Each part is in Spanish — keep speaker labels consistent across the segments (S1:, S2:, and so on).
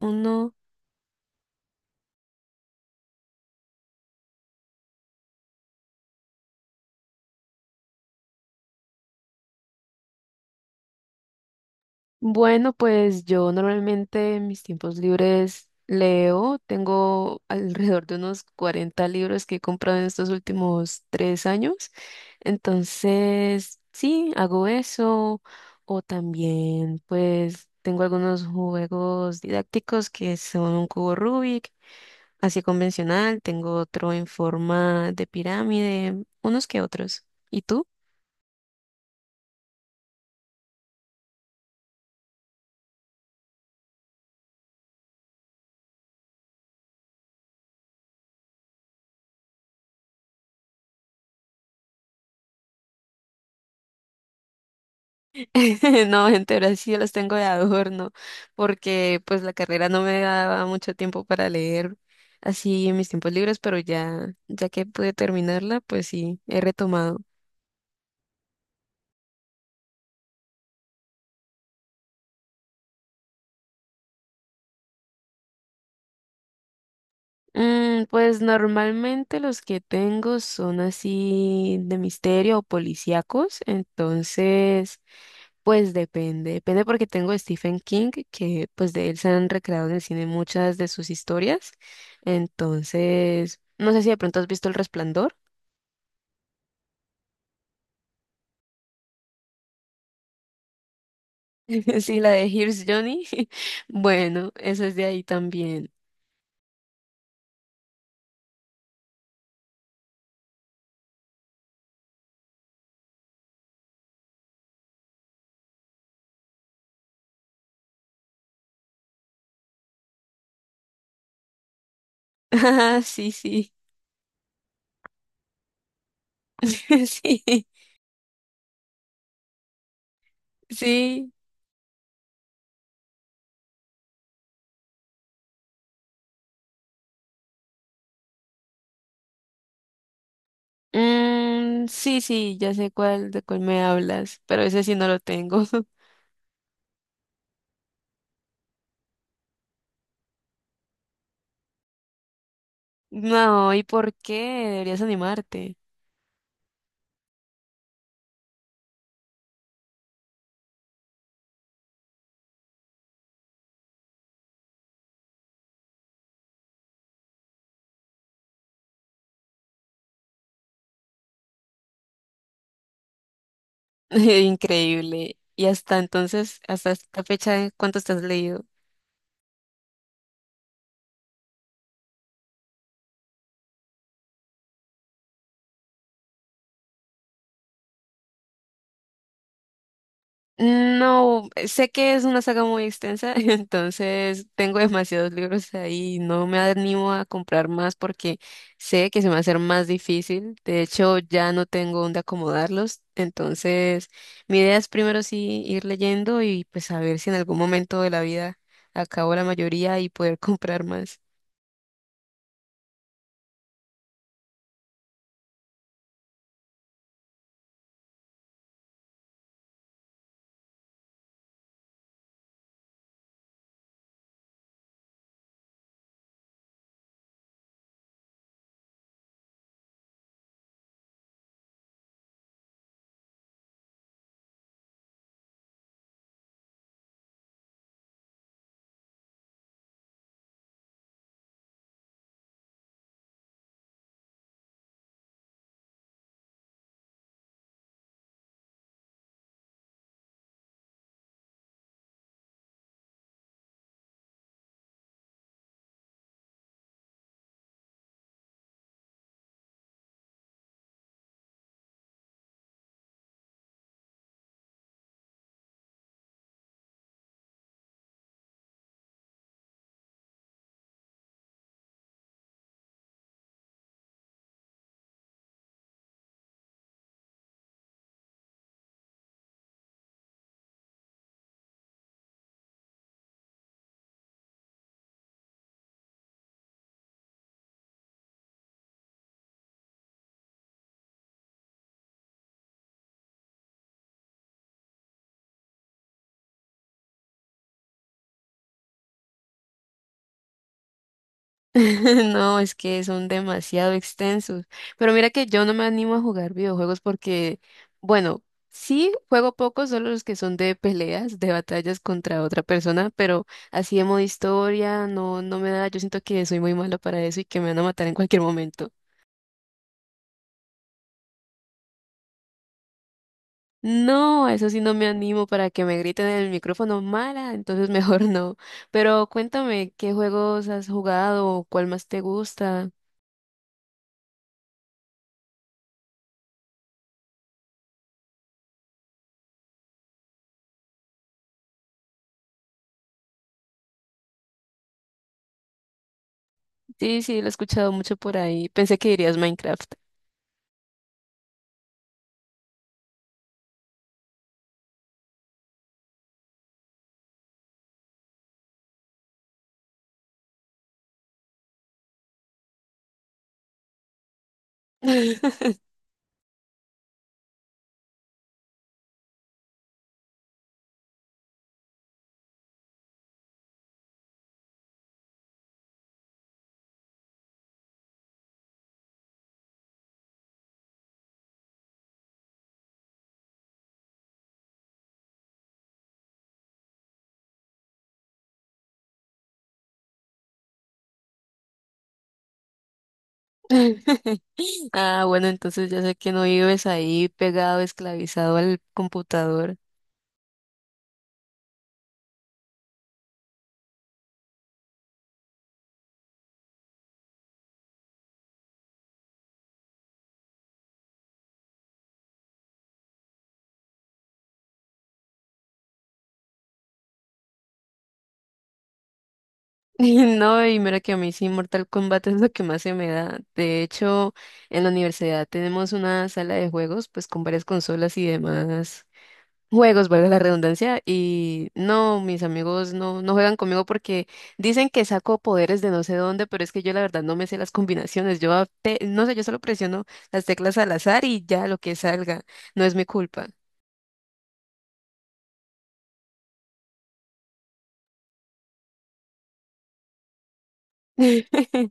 S1: Uno, bueno, pues yo normalmente en mis tiempos libres leo, tengo alrededor de unos 40 libros que he comprado en estos últimos 3 años, entonces sí, hago eso, o también pues tengo algunos juegos didácticos que son un cubo Rubik, así convencional, tengo otro en forma de pirámide, unos que otros. ¿Y tú? No, gente ahora sí los tengo de adorno, porque pues la carrera no me daba mucho tiempo para leer así en mis tiempos libres, pero ya, ya que pude terminarla, pues sí, he retomado. Mm, pues normalmente los que tengo son así de misterio o policíacos, entonces pues depende, depende porque tengo a Stephen King, que pues de él se han recreado en el cine muchas de sus historias, entonces no sé si de pronto has visto El Resplandor. Sí, la de Here's Johnny. Bueno, eso es de ahí también. Ah, sí, sí. Sí, sí. Mm, sí, sí, ya sé cuál, de cuál me hablas, pero ese sí no lo tengo. No, ¿y por qué? Deberías animarte. Increíble. Y hasta entonces, hasta esta fecha, ¿cuánto estás leído? No, sé que es una saga muy extensa, entonces tengo demasiados libros ahí no me animo a comprar más porque sé que se me va a hacer más difícil. De hecho, ya no tengo dónde acomodarlos, entonces mi idea es primero sí ir leyendo y pues a ver si en algún momento de la vida acabo la mayoría y poder comprar más. No, es que son demasiado extensos. Pero mira que yo no me animo a jugar videojuegos porque, bueno, sí juego pocos, solo los que son de peleas, de batallas contra otra persona, pero así de modo historia, no, no me da. Yo siento que soy muy mala para eso y que me van a matar en cualquier momento. No, a eso sí no me animo para que me griten en el micrófono mala, entonces mejor no. Pero cuéntame, ¿qué juegos has jugado? ¿Cuál más te gusta? Sí, sí, lo he escuchado mucho por ahí. Pensé que dirías Minecraft. Ah, bueno, entonces ya sé que no vives ahí pegado, esclavizado al computador. No, y mira que a mí sí, Mortal Kombat es lo que más se me da. De hecho, en la universidad tenemos una sala de juegos, pues con varias consolas y demás juegos, valga la redundancia, y no, mis amigos no, no juegan conmigo porque dicen que saco poderes de no sé dónde, pero es que yo la verdad no me sé las combinaciones, yo a- no sé, yo solo presiono las teclas al azar y ya lo que salga, no es mi culpa.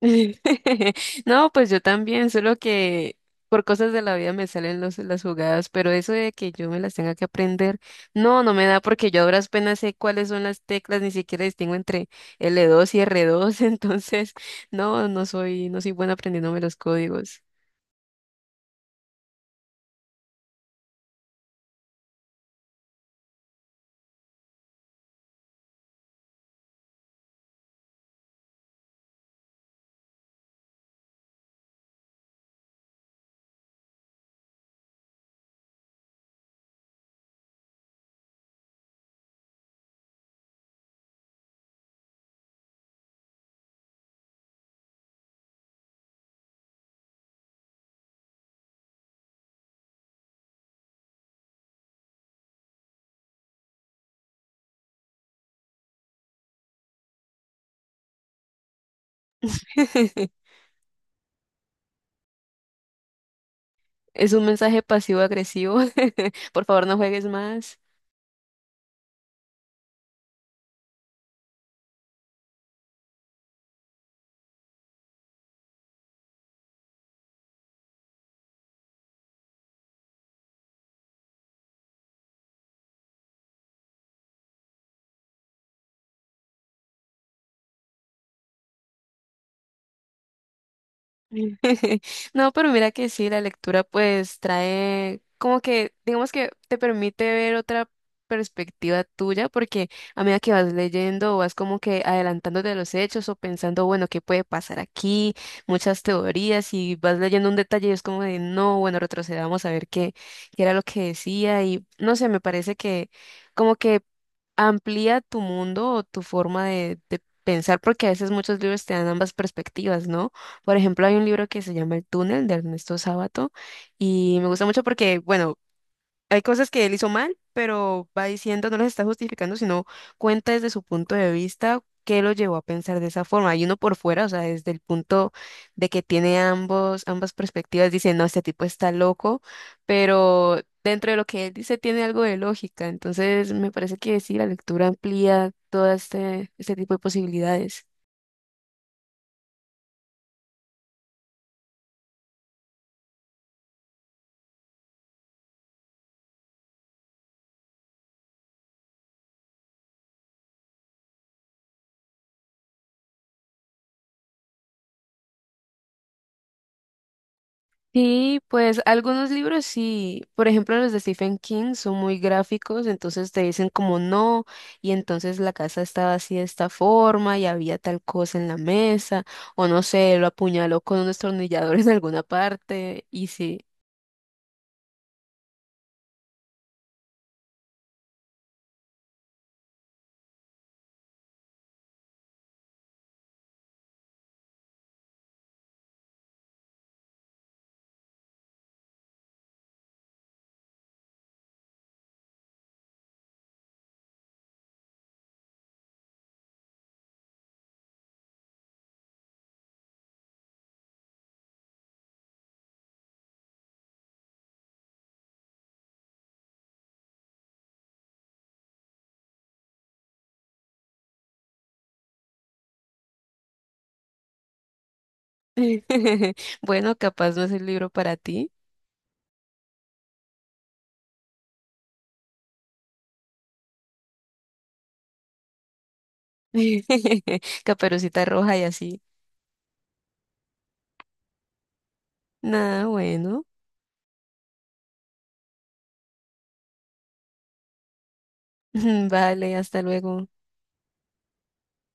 S1: No, pues yo también, solo que por cosas de la vida me salen los, las jugadas, pero eso de que yo me las tenga que aprender, no, no me da porque yo a duras penas sé cuáles son las teclas, ni siquiera distingo entre L2 y R2, entonces no, no soy buena aprendiéndome los códigos. Es un mensaje pasivo-agresivo. Por favor, no juegues más. No, pero mira que sí, la lectura pues trae como que, digamos que te permite ver otra perspectiva tuya, porque a medida que vas leyendo, vas como que adelantándote de los hechos o pensando, bueno, ¿qué puede pasar aquí? Muchas teorías y vas leyendo un detalle y es como de, no, bueno, retrocedamos a ver qué era lo que decía y no sé, me parece que como que amplía tu mundo o tu forma de pensar, porque a veces muchos libros te dan ambas perspectivas, ¿no? Por ejemplo, hay un libro que se llama El túnel de Ernesto Sábato y me gusta mucho porque, bueno, hay cosas que él hizo mal, pero va diciendo, no las está justificando, sino cuenta desde su punto de vista qué lo llevó a pensar de esa forma. Y uno por fuera, o sea, desde el punto de que tiene ambos, ambas perspectivas, dice, no, este tipo está loco, pero dentro de lo que él dice tiene algo de lógica. Entonces, me parece que sí, la lectura amplía todo este tipo de posibilidades. Sí, pues algunos libros sí, por ejemplo los de Stephen King son muy gráficos, entonces te dicen como no, y entonces la casa estaba así de esta forma y había tal cosa en la mesa, o no sé, lo apuñaló con un destornillador en alguna parte, y sí. Bueno, capaz no es el libro para ti. Caperucita Roja y así. Nada, bueno. Vale, hasta luego.